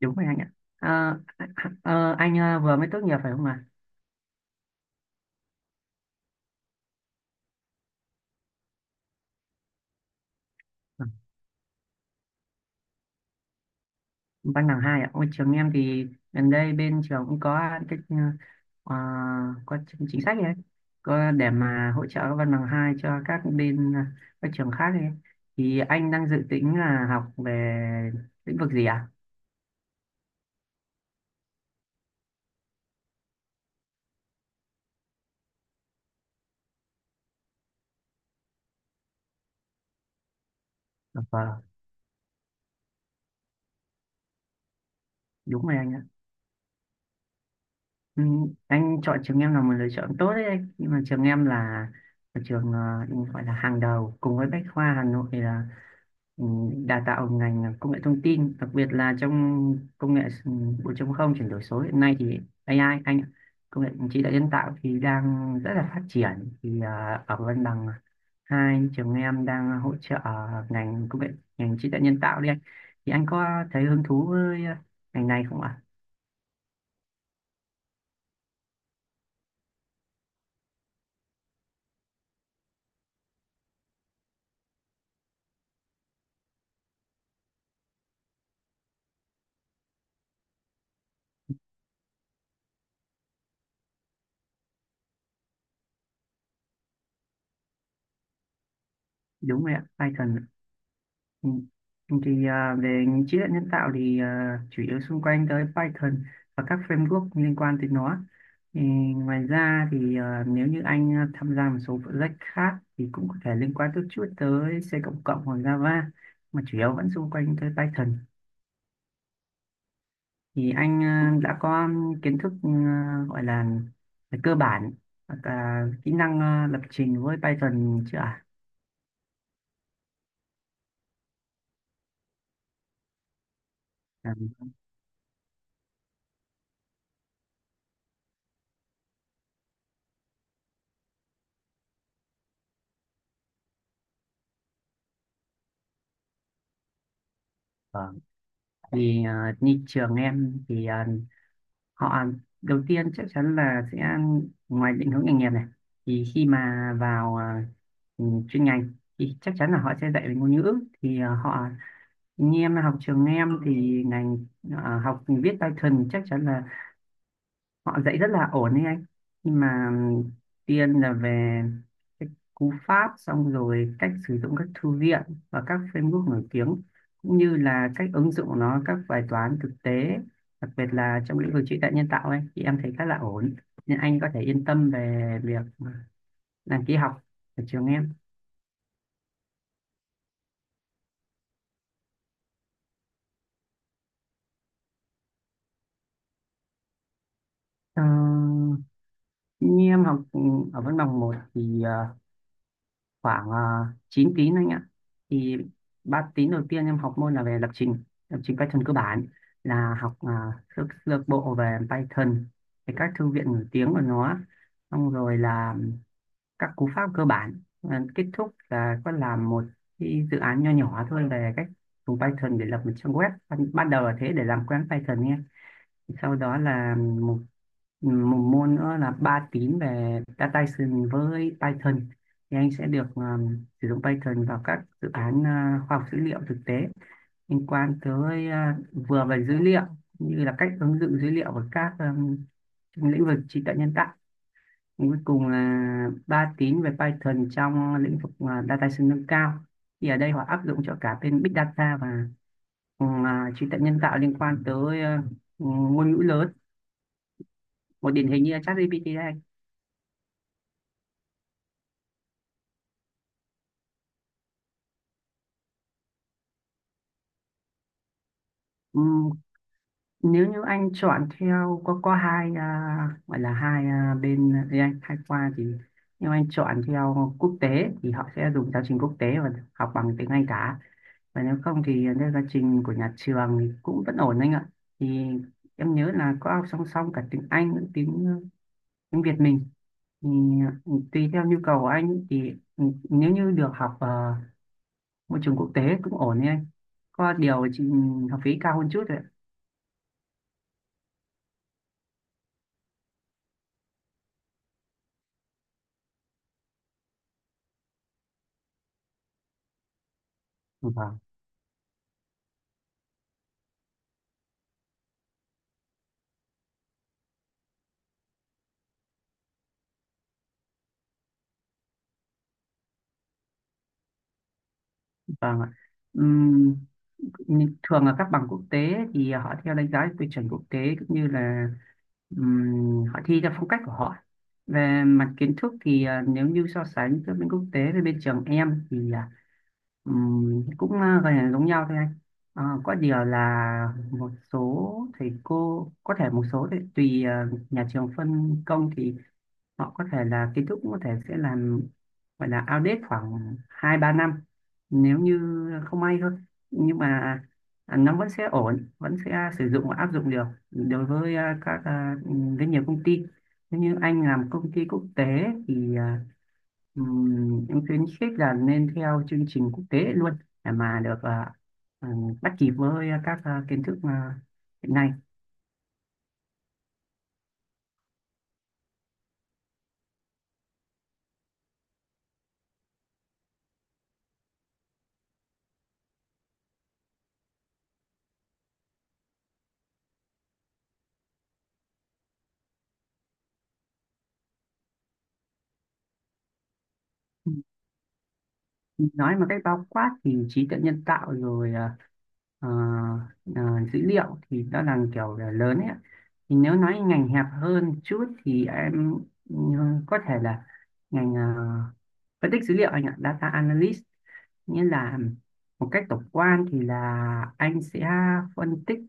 Đúng rồi anh ạ. Ờ, anh vừa mới tốt nghiệp phải không ạ? À? Văn bằng hai ạ. Ôi trường em thì gần đây bên trường cũng có cái, ờ, có chính chính sách ấy, có để mà hỗ trợ văn bằng hai cho các bên, các trường khác ấy. Thì anh đang dự tính là học về lĩnh vực gì ạ? À? Vâng, đúng rồi anh ạ. ừ, anh chọn trường em là một lựa chọn tốt đấy anh, nhưng mà trường em là một trường, gọi là hàng đầu cùng với Bách Khoa Hà Nội, là, ừ, đào tạo ngành công nghệ thông tin, đặc biệt là trong công nghệ 4.0, chuyển đổi số hiện nay thì AI anh ạ, công nghệ trí tuệ nhân tạo thì đang rất là phát triển. Thì ở văn bằng hai, trường em đang hỗ trợ ngành công nghệ, ngành trí tuệ nhân tạo đấy anh. Thì anh có thấy hứng thú với ngành này không ạ? Đúng rồi ạ, Python ạ. Ừ. Thì về trí tuệ nhân tạo thì chủ yếu xung quanh tới Python và các framework liên quan tới nó. Ừ, Ngoài ra thì nếu như anh tham gia một số project khác thì cũng có thể liên quan chút chút tới C cộng cộng hoặc Java, mà chủ yếu vẫn xung quanh tới Python. Thì anh đã có kiến thức, gọi là cơ bản, hoặc là kỹ năng lập trình với Python chưa ạ? À? Vâng. Thì như trường em thì họ đầu tiên chắc chắn là sẽ, ngoài định hướng nghề nghiệp này, thì khi mà vào chuyên ngành thì chắc chắn là họ sẽ dạy về ngôn ngữ. Thì họ, như em học trường em thì ngành, học viết Python chắc chắn là họ dạy rất là ổn đấy anh. Nhưng mà tiên là về cái cú pháp, xong rồi cách sử dụng các thư viện và các framework nổi tiếng, cũng như là cách ứng dụng nó các bài toán thực tế, đặc biệt là trong lĩnh vực trí tuệ nhân tạo ấy thì em thấy khá là ổn, nên anh có thể yên tâm về việc đăng ký học ở trường em. Ờ, Như em học ở văn bằng một thì khoảng 9 tín anh ạ. Thì 3 tín đầu tiên em học môn là về lập trình, lập trình Python cơ bản, là học sơ sơ bộ về Python, về các thư viện nổi tiếng của nó, xong rồi là các cú pháp cơ bản. Kết thúc là có làm một cái dự án nho nhỏ thôi về cách dùng Python để lập một trang web. Ban đầu là thế, để làm quen Python nhé. Sau đó là một một môn nữa là 3 tín về data science với Python. Thì anh sẽ được sử dụng Python vào các dự án khoa học dữ liệu thực tế, liên quan tới vừa về dữ liệu, như là cách ứng dụng dữ liệu vào các trong lĩnh vực trí tuệ nhân tạo. Còn cuối cùng là 3 tín về Python trong lĩnh vực data science nâng cao. Thì ở đây họ áp dụng cho cả bên big data và trí tuệ nhân tạo, liên quan tới ngôn ngữ lớn, một điển hình như là ChatGPT. Đây, nếu như anh chọn theo, có hai gọi là hai, bên gì anh, hai khoa. Thì nếu anh chọn theo quốc tế thì họ sẽ dùng giáo trình quốc tế và học bằng tiếng Anh cả, và nếu không thì theo giáo trình của nhà trường thì cũng vẫn ổn anh ạ. Thì em nhớ là có học song song cả tiếng Anh lẫn tiếng Việt mình. Thì tùy theo nhu cầu của anh. Thì ừ, nếu như được học, môi trường quốc tế cũng ổn đấy anh, có điều chỉ học phí cao hơn chút thôi ạ. Vâng, vâng ạ. Nhưng thường là các bằng quốc tế thì họ theo đánh giá tiêu chuẩn quốc tế, cũng như là họ thi theo phong cách của họ. Về mặt kiến thức thì nếu như so sánh giữa bên quốc tế với bên trường em thì cũng gần là giống nhau thôi anh. Có điều là một số thầy cô có thể, một số thì tùy nhà trường phân công, thì họ có thể là kết thúc có thể sẽ làm, gọi là audit khoảng hai ba năm nếu như không may thôi, nhưng mà nó vẫn sẽ ổn, vẫn sẽ sử dụng và áp dụng được đối với rất nhiều công ty. Nếu như anh làm công ty quốc tế thì em khuyến khích là nên theo chương trình quốc tế luôn, để mà được bắt kịp với các kiến thức hiện nay. Nói mà cách bao quát thì trí tuệ nhân tạo rồi, ờ, ờ, dữ liệu, thì đó là kiểu là lớn ấy ạ. Thì nếu nói ngành hẹp hơn chút thì em ừ, có thể là ngành, phân tích dữ liệu anh ạ, data analyst. Nghĩa là một cách tổng quan thì là anh sẽ phân tích,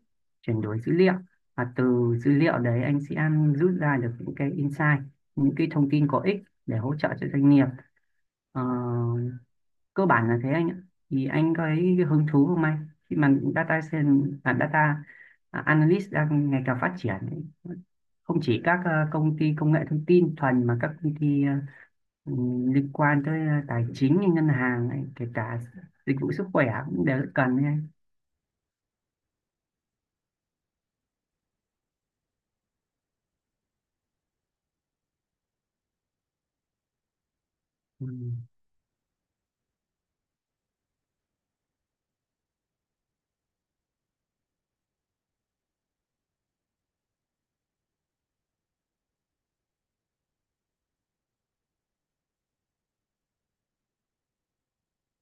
chuyển đổi dữ liệu, và từ dữ liệu đấy anh sẽ rút ra được những cái insight, những cái thông tin có ích để hỗ trợ cho doanh nghiệp. Ờ, Cơ bản là thế anh ạ. Thì anh có thấy hứng thú không anh, khi mà data science data analyst đang ngày càng phát triển ấy. Không chỉ các, công ty công nghệ thông tin thuần, mà các công ty, liên quan tới tài chính như ngân hàng ấy, kể cả dịch vụ sức khỏe cũng đều rất cần ấy anh. Ừ.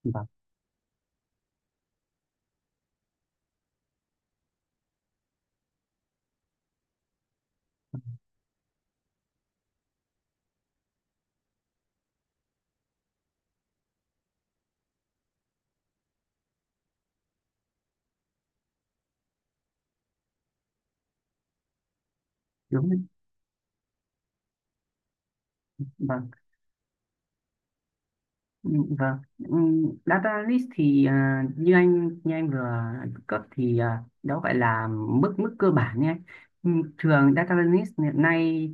Vâng, đúng đấy. Vâng. Ừ. Vâng. Ừ, Data list thì như anh vừa cấp thì đó gọi là mức mức cơ bản nhé. Ừ, Thường data list hiện nay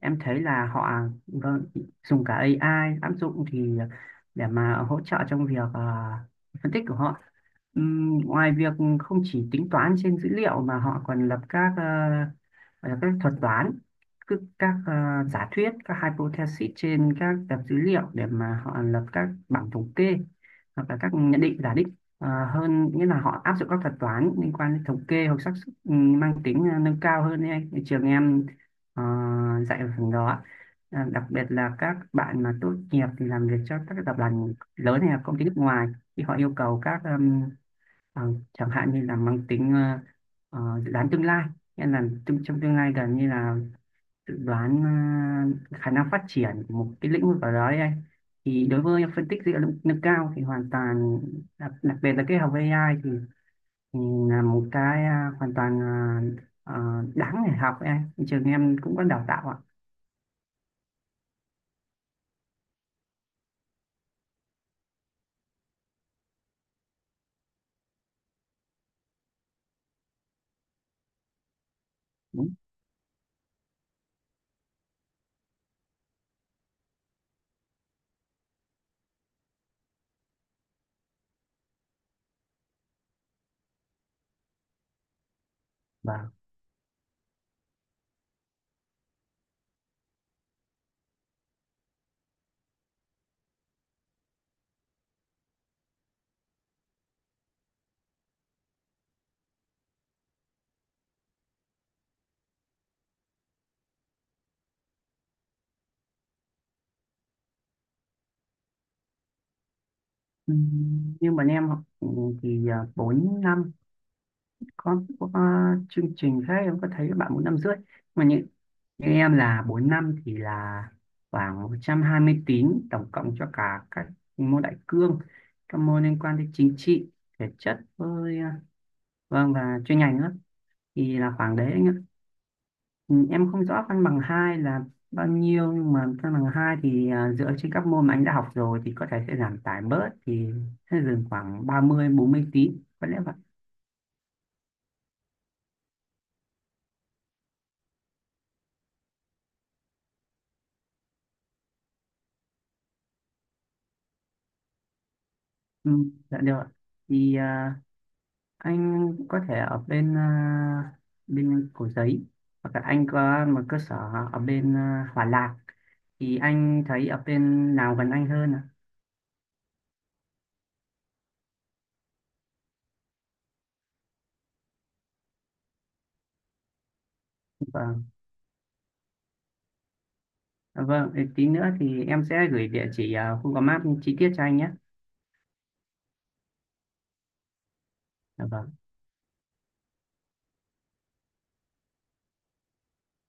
em thấy là họ, vâng, dùng cả AI áp dụng thì để mà hỗ trợ trong việc phân tích của họ. Ngoài việc không chỉ tính toán trên dữ liệu, mà họ còn lập các, gọi là các thuật toán, cứ các, giả thuyết, các hypothesis trên các tập dữ liệu, để mà họ lập các bảng thống kê hoặc là các nhận định giả định. Hơn nghĩa là họ áp dụng các thuật toán liên quan đến thống kê hoặc xác suất, mang tính nâng cao hơn đấy anh. Thì trường em ờ, dạy ở phần đó. Đặc biệt là các bạn mà tốt nghiệp thì làm việc cho các tập đoàn lớn hay là công ty nước ngoài, thì họ yêu cầu các, ờ, chẳng hạn như là mang tính, dự đoán tương lai. Nghĩa là trong tương lai gần, như là dự đoán khả năng phát triển của một cái lĩnh vực ở đó đấy anh. Thì đối với phân tích dữ liệu nâng nâng cao thì hoàn toàn, đặc biệt là cái học với AI thì là một cái hoàn toàn, đáng để học ấy anh, trường em cũng có đào tạo ạ. Đúng. Vâng. Nhưng mà em học 4 năm. Có chương trình khác em có thấy các bạn 4,5 năm, mà như em là 4 năm thì là khoảng 120 tín tổng cộng, cho cả các môn đại cương, các môn liên quan đến chính trị, thể chất, với vâng, và chuyên ngành nữa, thì là khoảng đấy anh ạ. Ừ, em không rõ văn bằng hai là bao nhiêu, nhưng mà văn bằng hai thì dựa trên các môn mà anh đã học rồi thì có thể sẽ giảm tải bớt, thì sẽ dừng khoảng 30 mươi 40 tín có lẽ vậy. ừ, dạ được ạ. Thì anh có thể ở bên, bên Cầu Giấy, hoặc là anh có một cơ sở ở bên, Hòa Lạc. Thì anh thấy ở bên nào gần anh hơn ạ? Vâng. Vâng, thì tí nữa thì em sẽ gửi địa chỉ, Google Maps chi tiết cho anh nhé. Dạ vâng.